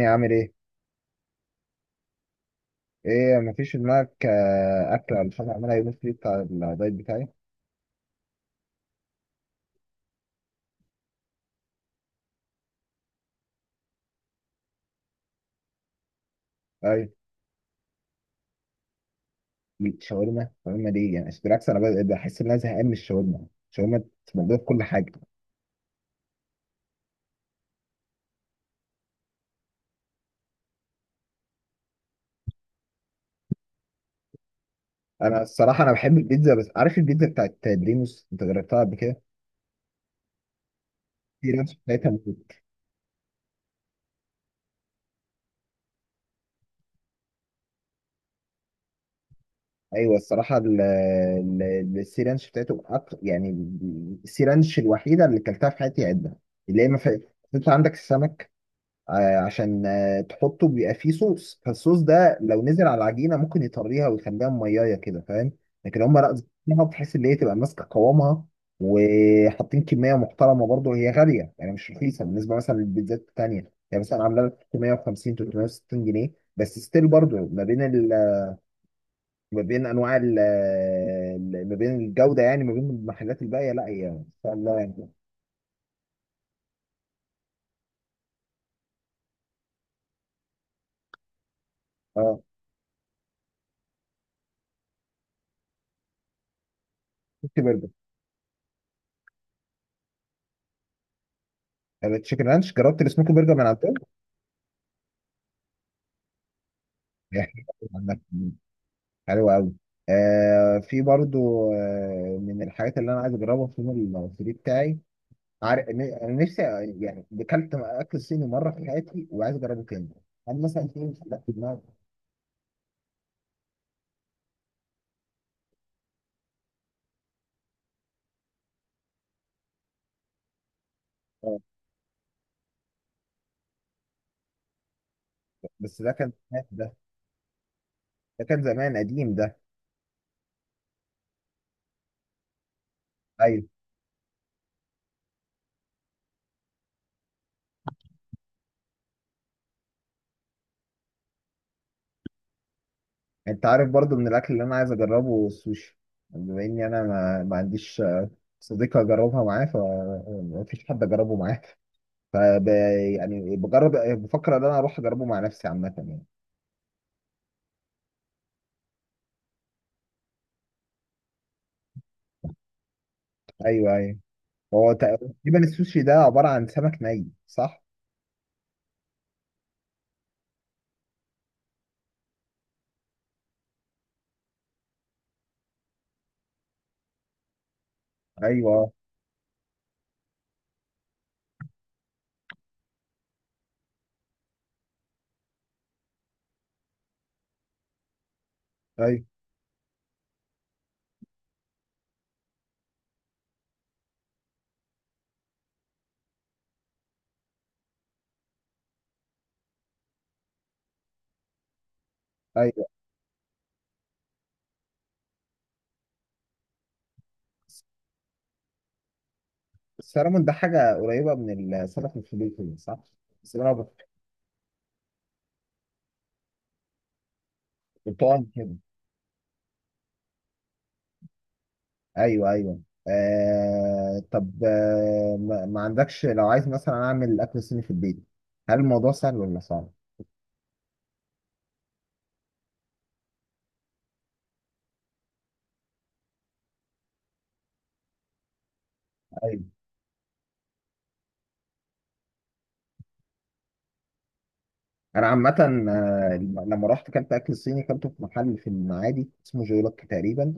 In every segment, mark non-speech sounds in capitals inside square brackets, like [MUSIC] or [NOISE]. والدنيا عامل ايه؟ ايه مفيش في دماغك اكل ولا حاجه اعملها يوم الفري بتاع الدايت بتاعي؟ ايوه الشاورما دي يعني بالعكس انا بحس ان انا زهقان من الشاورما الشاورما موجوده في كل حاجه. انا الصراحه انا بحب البيتزا بس عارف البيتزا بتاعت دريموس، انت جربتها قبل كده؟ السي رانش بتاعتها موت. ايوه الصراحه السي رانش بتاعته، يعني السي رانش الوحيده اللي اكلتها في حياتي عدة، اللي هي ما فيهاش. انت عندك السمك عشان تحطه بيبقى فيه صوص، فالصوص ده لو نزل على العجينه ممكن يطريها ويخليها ميايه كده، فاهم؟ لكن هم لا، ظبطناها بحيث ان هي تبقى ماسكه قوامها، وحاطين كميه محترمه. برضه هي غاليه، يعني مش رخيصه بالنسبه مثلا للبيتزات التانيه. يعني مثلا عامله لك 350 360 جنيه، بس ستيل برضه ما بين ما بين انواع ما بين الجوده، يعني ما بين المحلات الباقيه لا هي ان شاء الله يعني. اه سموكي برجر، التشيكن رانش. جربت السموكي برجر من عندهم؟ [LAUGHS] حلو قوي. آه في برضو آه من الحاجات اللي انا عايز اجربها في يوم المصري بتاعي. عارف انا نفسي يعني اكلت اكل صيني مره في حياتي وعايز اجربه تاني. انا مثلا في حاجات في دماغي آه، بس ده كان، ده ده كان زمان قديم ده. ايوه انت عارف برضو من الاكل اللي انا عايز اجربه السوشي، بما اني انا ما عنديش صديقه اجربها معاه، فما فيش حد اجربه معاه. فب يعني بجرب بفكر ان انا اروح اجربه مع نفسي عامه يعني. ايوه ايوه. هو تقريبا السوشي ده عبارة عن سمك ني صح؟ ايوه ايوه ايوه. السلمون ده حاجة قريبة من السمك الفليتون صح؟ بس انا بطعم كده. ايوه ايوه. آه طب آه ما عندكش، لو عايز مثلا اعمل اكل صيني في البيت هل الموضوع سهل ولا صعب؟ ايوه انا عامة آه، لما رحت كلت اكل صيني، كلته في محل في المعادي اسمه جولوك تقريبا،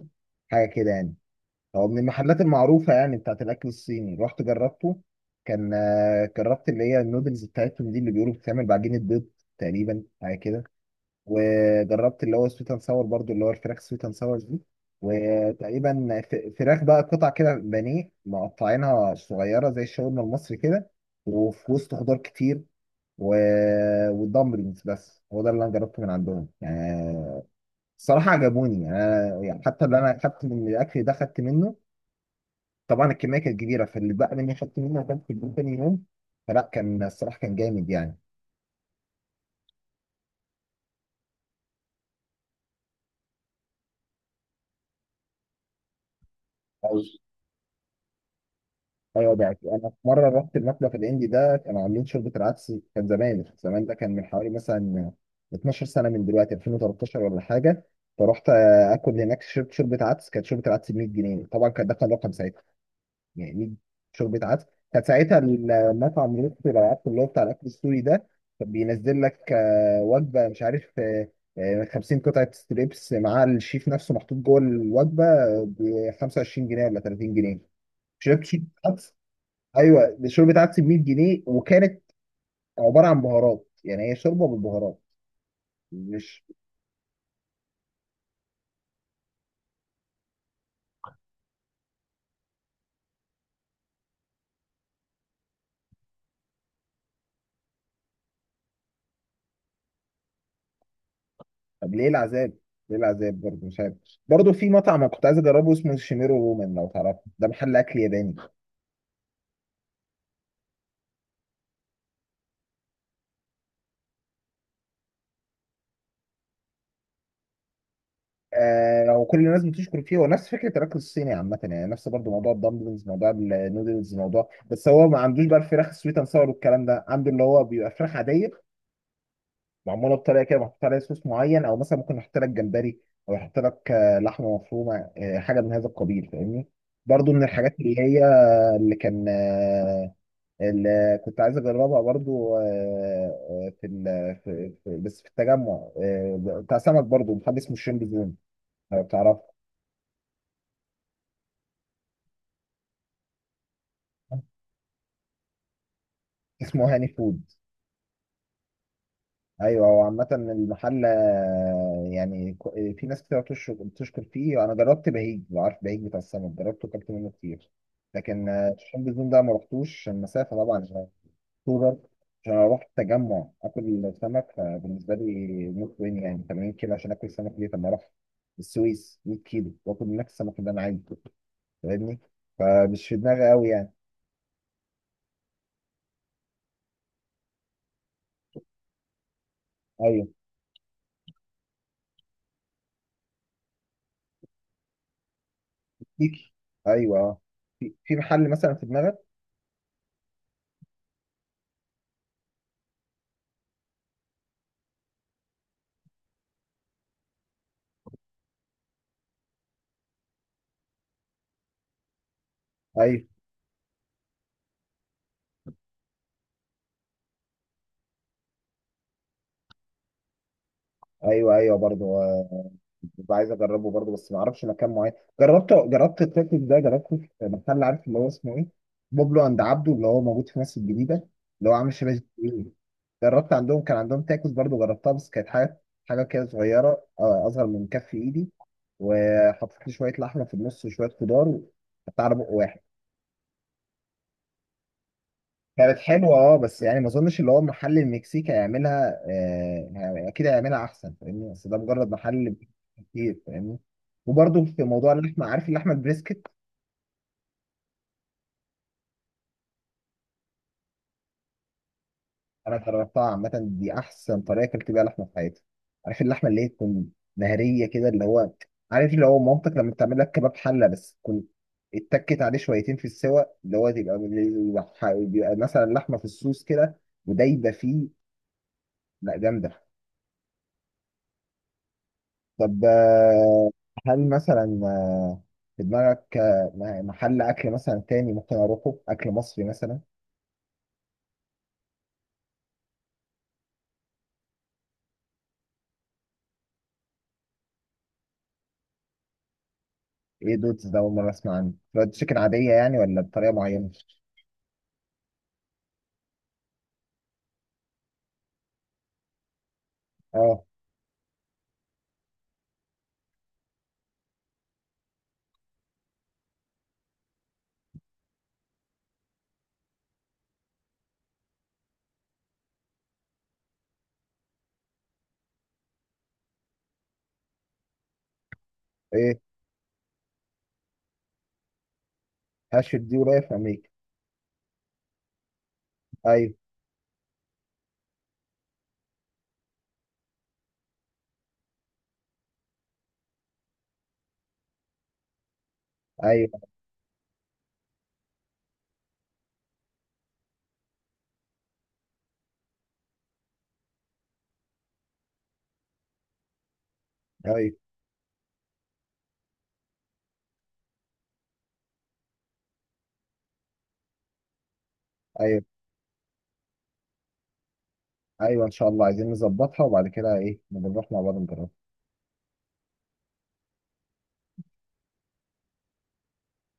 حاجة كده يعني. هو من المحلات المعروفة يعني بتاعت الأكل الصيني، رحت جربته. كان جربت اللي هي النودلز بتاعتهم دي اللي بيقولوا بتتعمل بعجينة بيض تقريبا، حاجة كده. وجربت اللي هو سويت اند ساور برضو، اللي هو الفراخ سويت اند ساور دي. وتقريبا فراخ بقى قطع كده بانيه مقطعينها صغيرة زي الشاورما المصري كده، وفي وسط خضار كتير و... والدمبلينجز. بس هو ده اللي انا جربته من عندهم يعني. الصراحة عجبوني، يعني أنا يعني حتى اللي انا خدت من الاكل ده خدت منه. طبعا الكميه كانت كبيره، فاللي بقى مني خدت منه وكان في اليوم تاني يوم، فلا كان الصراحه كان جامد يعني. عاوز- ايوه ده أكيد. انا في مره رحت المطبخ الاندي ده، كانوا عاملين شوربه العدس. كان زمان ده كان من حوالي مثلا 12 سنه من دلوقتي، 2013 ولا حاجه. فرحت اكل هناك، شربت شوربه عدس. كانت شوربه العدس ب 100 جنيه، طبعا كان ده كان رقم ساعتها يعني. شوربة عدس. كانت ساعتها المطعم لطفي العراق اللي هو بتاع الأكل السوري ده، كان بينزل لك وجبة مش عارف 50 قطعة ستريبس مع الشيف نفسه محطوط جوه الوجبة ب 25 جنيه ولا 30 جنيه. شربت شوربة عدس أيوه، دي شوربة عدس ب 100 جنيه، وكانت عبارة عن بهارات، يعني هي شوربة بالبهارات مش... طب ليه العذاب؟ ليه العذاب برضه مش عارف. برضه في مطعم أنا كنت عايز أجربه اسمه شيميرو رومان لو تعرفه، ده محل أكل ياباني. آه وكل الناس بتشكر فيه. هو نفس فكره الاكل الصيني عامه يعني، نفس برضه موضوع الدمبلز موضوع النودلز موضوع. بس هو ما عندوش بقى الفراخ السويت اند ساور والكلام ده. عنده اللي هو بيبقى فراخ عاديه معموله بطريقه كده محطوط عليها صوص معين، او مثلا ممكن يحط لك جمبري او يحط لك لحمه مفرومه، حاجه من هذا القبيل، فاهمني. برضه من الحاجات اللي هي، اللي كان آه، اللي كنت عايز اجربها برضه في بس في التجمع بتاع سمك، برضه محل اسمه الشريمب زون لو تعرفه. اسمه هاني فود. ايوه هو عامة المحل يعني في ناس كتير بتشكر فيه. انا جربت بهيج، لو عارف بهيج بتاع السمك، جربته وكلت منه كتير. لكن شم النيل ده ما رحتوش عشان المسافة طبعا، عشان اكتوبر. عشان اروح التجمع اكل سمك، فبالنسبة لي موت وين يعني 80 كيلو عشان اكل سمك ليه؟ طب ما اروح السويس 100 كيلو واكل هناك السمك اللي انا عايزه، فاهمني؟ فمش في دماغي قوي يعني. ايوه فيك ايوه آه. في في محل مثلا في دماغك؟ ايوه ايوه ايوه برضه ببقى عايز اجربه برضه، بس ما اعرفش مكان معين. جربته، جربت التاكل ده، جربته في محل عارف اللي هو اسمه ايه، بوبلو عند عبده اللي هو موجود في مصر الجديده، اللي هو عامل شبه ايه. جربت عندهم، كان عندهم تاكوس برضه، جربتها بس كانت حاجه، حاجه كده صغيره اصغر من كف ايدي. وحطيت لي شويه لحمه في النص وشويه خضار وحطيت على بق واحد. كانت حلوة اه بس يعني ما اظنش اللي هو محل المكسيك هيعملها آه يعني اكيد هيعملها احسن فاهمني، بس ده مجرد محل كتير فاهمني. وبرضه في موضوع اللحمة، عارف اللحمة البريسكت؟ انا جربتها عامة، دي احسن طريقة اكلت بيها لحمة في حياتي. عارف اللحمة اللي هي تكون مهرية كده، اللي هو عارف اللي هو مامتك لما بتعمل لك كباب حلة بس تكون اتكت عليه شويتين في السوا، اللي هو تبقى بيبقى مثلا لحمة في الصوص كده ودايبة فيه؟ لا جامدة. طب هل مثلا في دماغك محل أكل مثلا تاني ممكن أروحه، أكل مصري مثلا؟ إيه دودز ده؟ أول مرة أسمع عنه. فرايد تشيكن عادية يعني ولا بطريقة معينة؟ أه. إيه هاشت دي ورايا في أمريكا؟ أيوه أيوه أيوه أيوه أيوه. إن شاء الله عايزين نظبطها وبعد كده إيه نبقى نروح مع بعض نجربها.